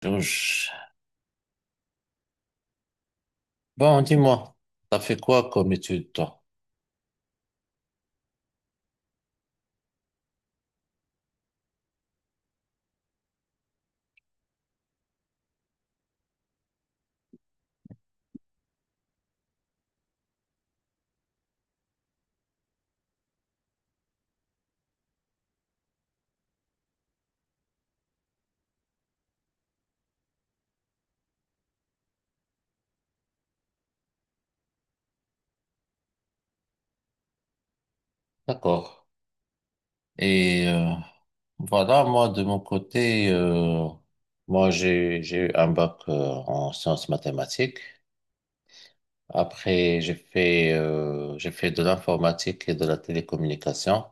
Georges. Bon, dis-moi, t'as fait quoi comme étude, toi? D'accord. Et euh, Voilà, moi, de mon côté, moi, j'ai eu un bac en sciences mathématiques. Après, j'ai fait de l'informatique et de la télécommunication.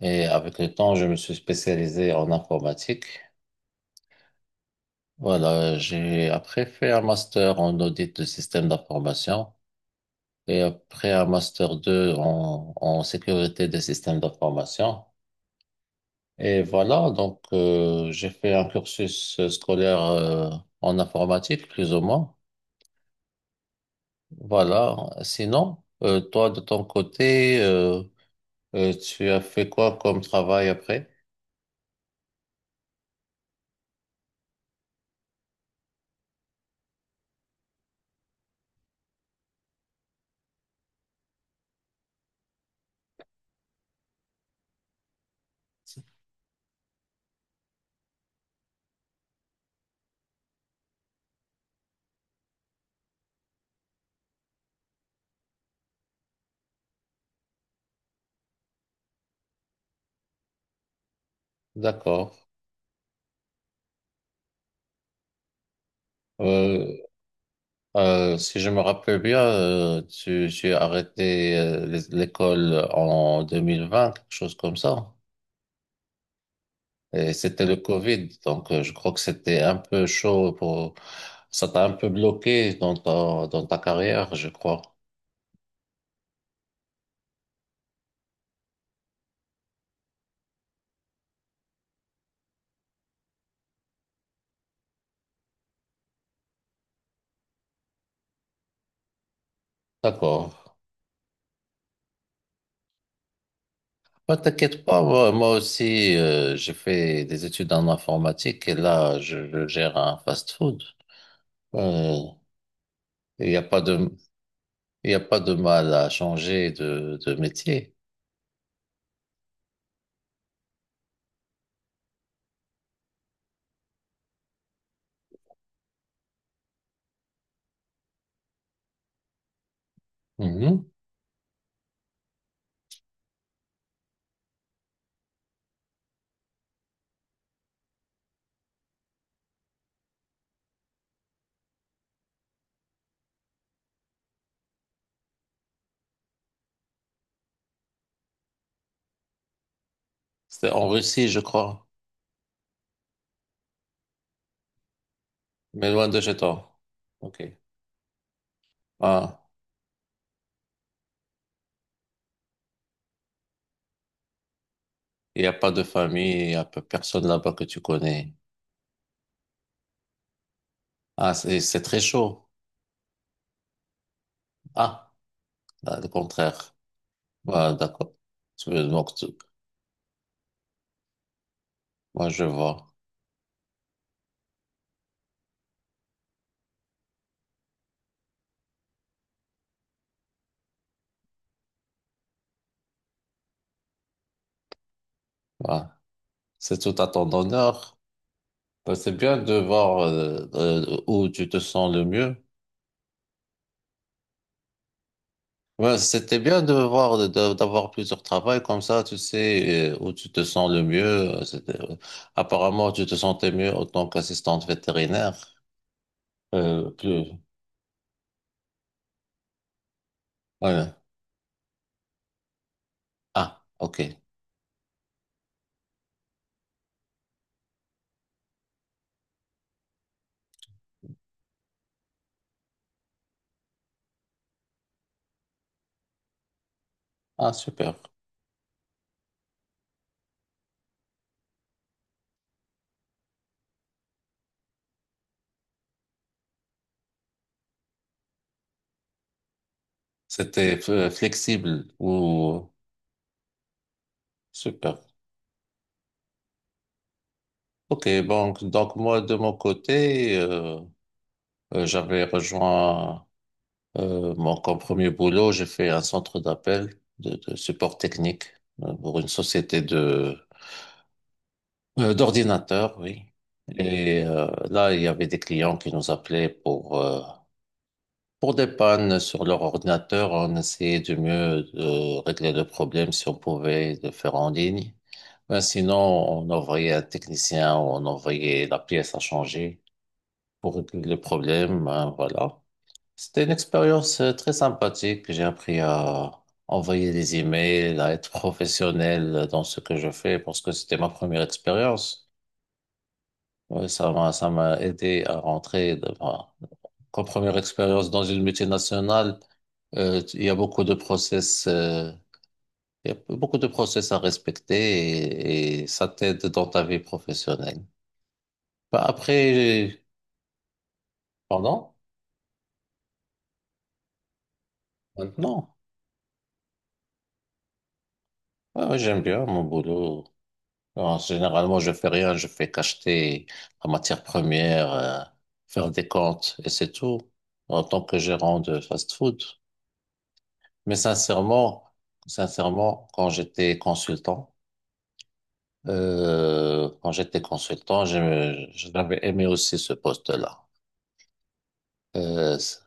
Et avec le temps, je me suis spécialisé en informatique. Voilà, j'ai après fait un master en audit de système d'information et après un master 2 en, en sécurité des systèmes d'information. Et voilà, donc j'ai fait un cursus scolaire en informatique, plus ou moins. Voilà. Sinon, toi, de ton côté, tu as fait quoi comme travail après? D'accord. Euh, Si je me rappelle bien, tu as arrêté l'école en 2020, quelque chose comme ça. Et c'était le Covid, donc je crois que c'était un peu chaud pour... Ça t'a un peu bloqué dans dans ta carrière, je crois. D'accord. Bah, t'inquiète pas, moi, moi aussi, j'ai fait des études en informatique et là, je gère un fast-food. Euh, Il n'y a pas de, il y a pas de mal à changer de métier. Mhm. C'est en Russie, je crois, mais loin de chez toi. Ok. Ah, il n'y a pas de famille, il n'y a personne là-bas que tu connais. Ah, c'est très chaud. Ah, ah, le contraire. Ah, d'accord. Tu veux- Donc, tu- moi, je vois. Ah, c'est tout à ton honneur. Bah, c'est bien de voir où tu te sens le mieux. Ouais, c'était bien de voir, d'avoir plusieurs travails comme ça, tu sais, où tu te sens le mieux. Apparemment, tu te sentais mieux en tant qu'assistante vétérinaire. Euh, plus, ouais. Ah, ok. Ah, super. C'était flexible ou super. Ok, donc moi, de mon côté, j'avais rejoint. Bon, comme premier boulot, j'ai fait un centre d'appel de support technique pour une société de d'ordinateurs, oui. Et là, il y avait des clients qui nous appelaient pour des pannes sur leur ordinateur. On essayait du mieux de régler le problème si on pouvait le faire en ligne. Ben, sinon, on envoyait un technicien ou on envoyait la pièce à changer pour régler le problème. Hein, voilà. C'était une expérience très sympathique. J'ai appris à envoyer des emails, à être professionnel dans ce que je fais parce que c'était ma première expérience. Ouais, ça m'a aidé à rentrer dans ma- comme première expérience dans une multinationale. euh, il y a beaucoup de process, euh, il y a beaucoup de process à respecter et ça t'aide dans ta vie professionnelle. Bah, après, pardon, maintenant, ouais, ouais, j'aime bien mon boulot. Alors, généralement, je fais rien, je fais qu'acheter la matière première, faire des comptes et c'est tout en tant que gérant de fast-food. Mais sincèrement, sincèrement, quand j'étais consultant, j'avais aimé aussi ce poste-là. Euh, c-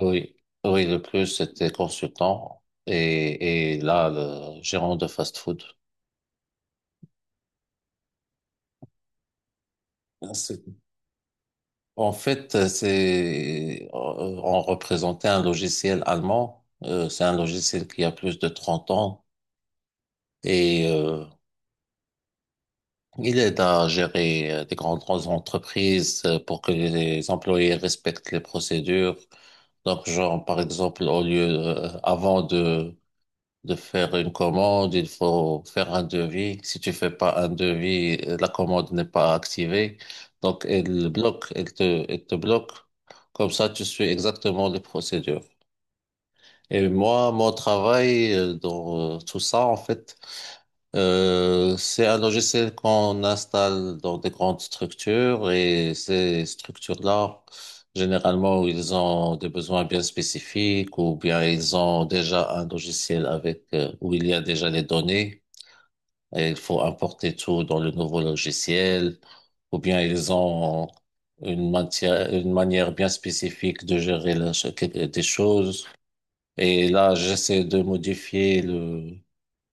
oui, oui, le plus c'était consultant et là, le gérant de fast-food. En fait, on représentait un logiciel allemand. C'est un logiciel qui a plus de 30 ans et il aide à gérer des grandes entreprises pour que les employés respectent les procédures. Donc, genre, par exemple, avant de faire une commande, il faut faire un devis. Si tu fais pas un devis, la commande n'est pas activée. Donc, elle bloque, elle te bloque. Comme ça, tu suis exactement les procédures. Et moi, mon travail dans tout ça, en fait, c'est un logiciel qu'on installe dans des grandes structures et ces structures-là, généralement, ils ont des besoins bien spécifiques ou bien ils ont déjà un logiciel avec où il y a déjà les données et il faut importer tout dans le nouveau logiciel ou bien ils ont une manière bien spécifique de gérer des choses. Et là, j'essaie de modifier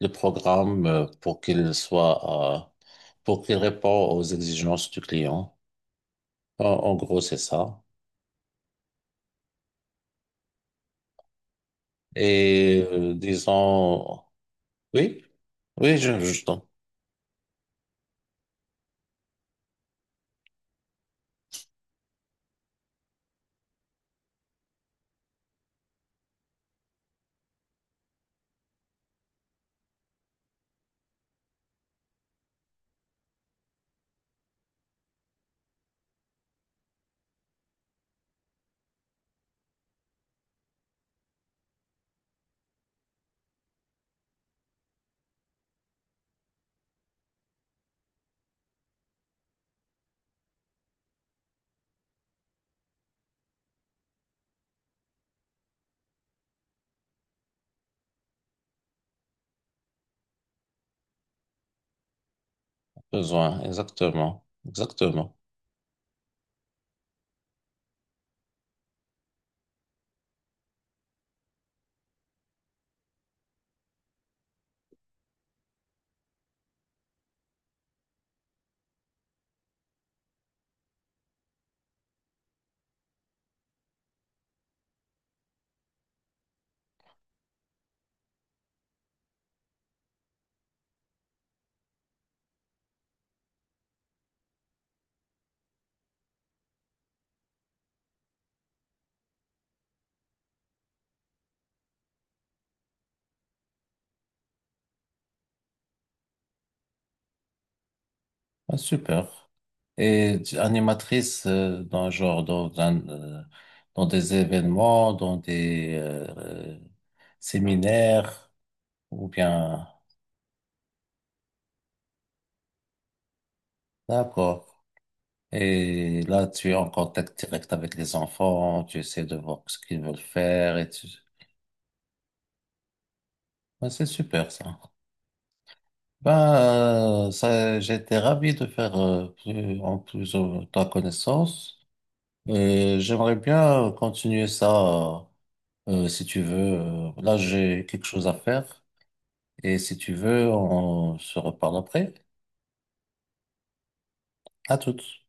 le programme pour qu'il réponde aux exigences du client. En gros, c'est ça. Disons, oui, oui, je t'en ai besoin, exactement, exactement. Ah, super. Animatrice dans genre dans un, dans des événements, dans des euh, séminaires ou bien, d'accord. Et là, tu es en contact direct avec les enfants, tu essaies de voir ce qu'ils veulent faire ouais, c'est super ça. Ben, ça, j'étais ravi de faire en plus ta connaissance. Et j'aimerais bien continuer ça si tu veux. Là, j'ai quelque chose à faire. Et si tu veux, on se reparle après. À toutes.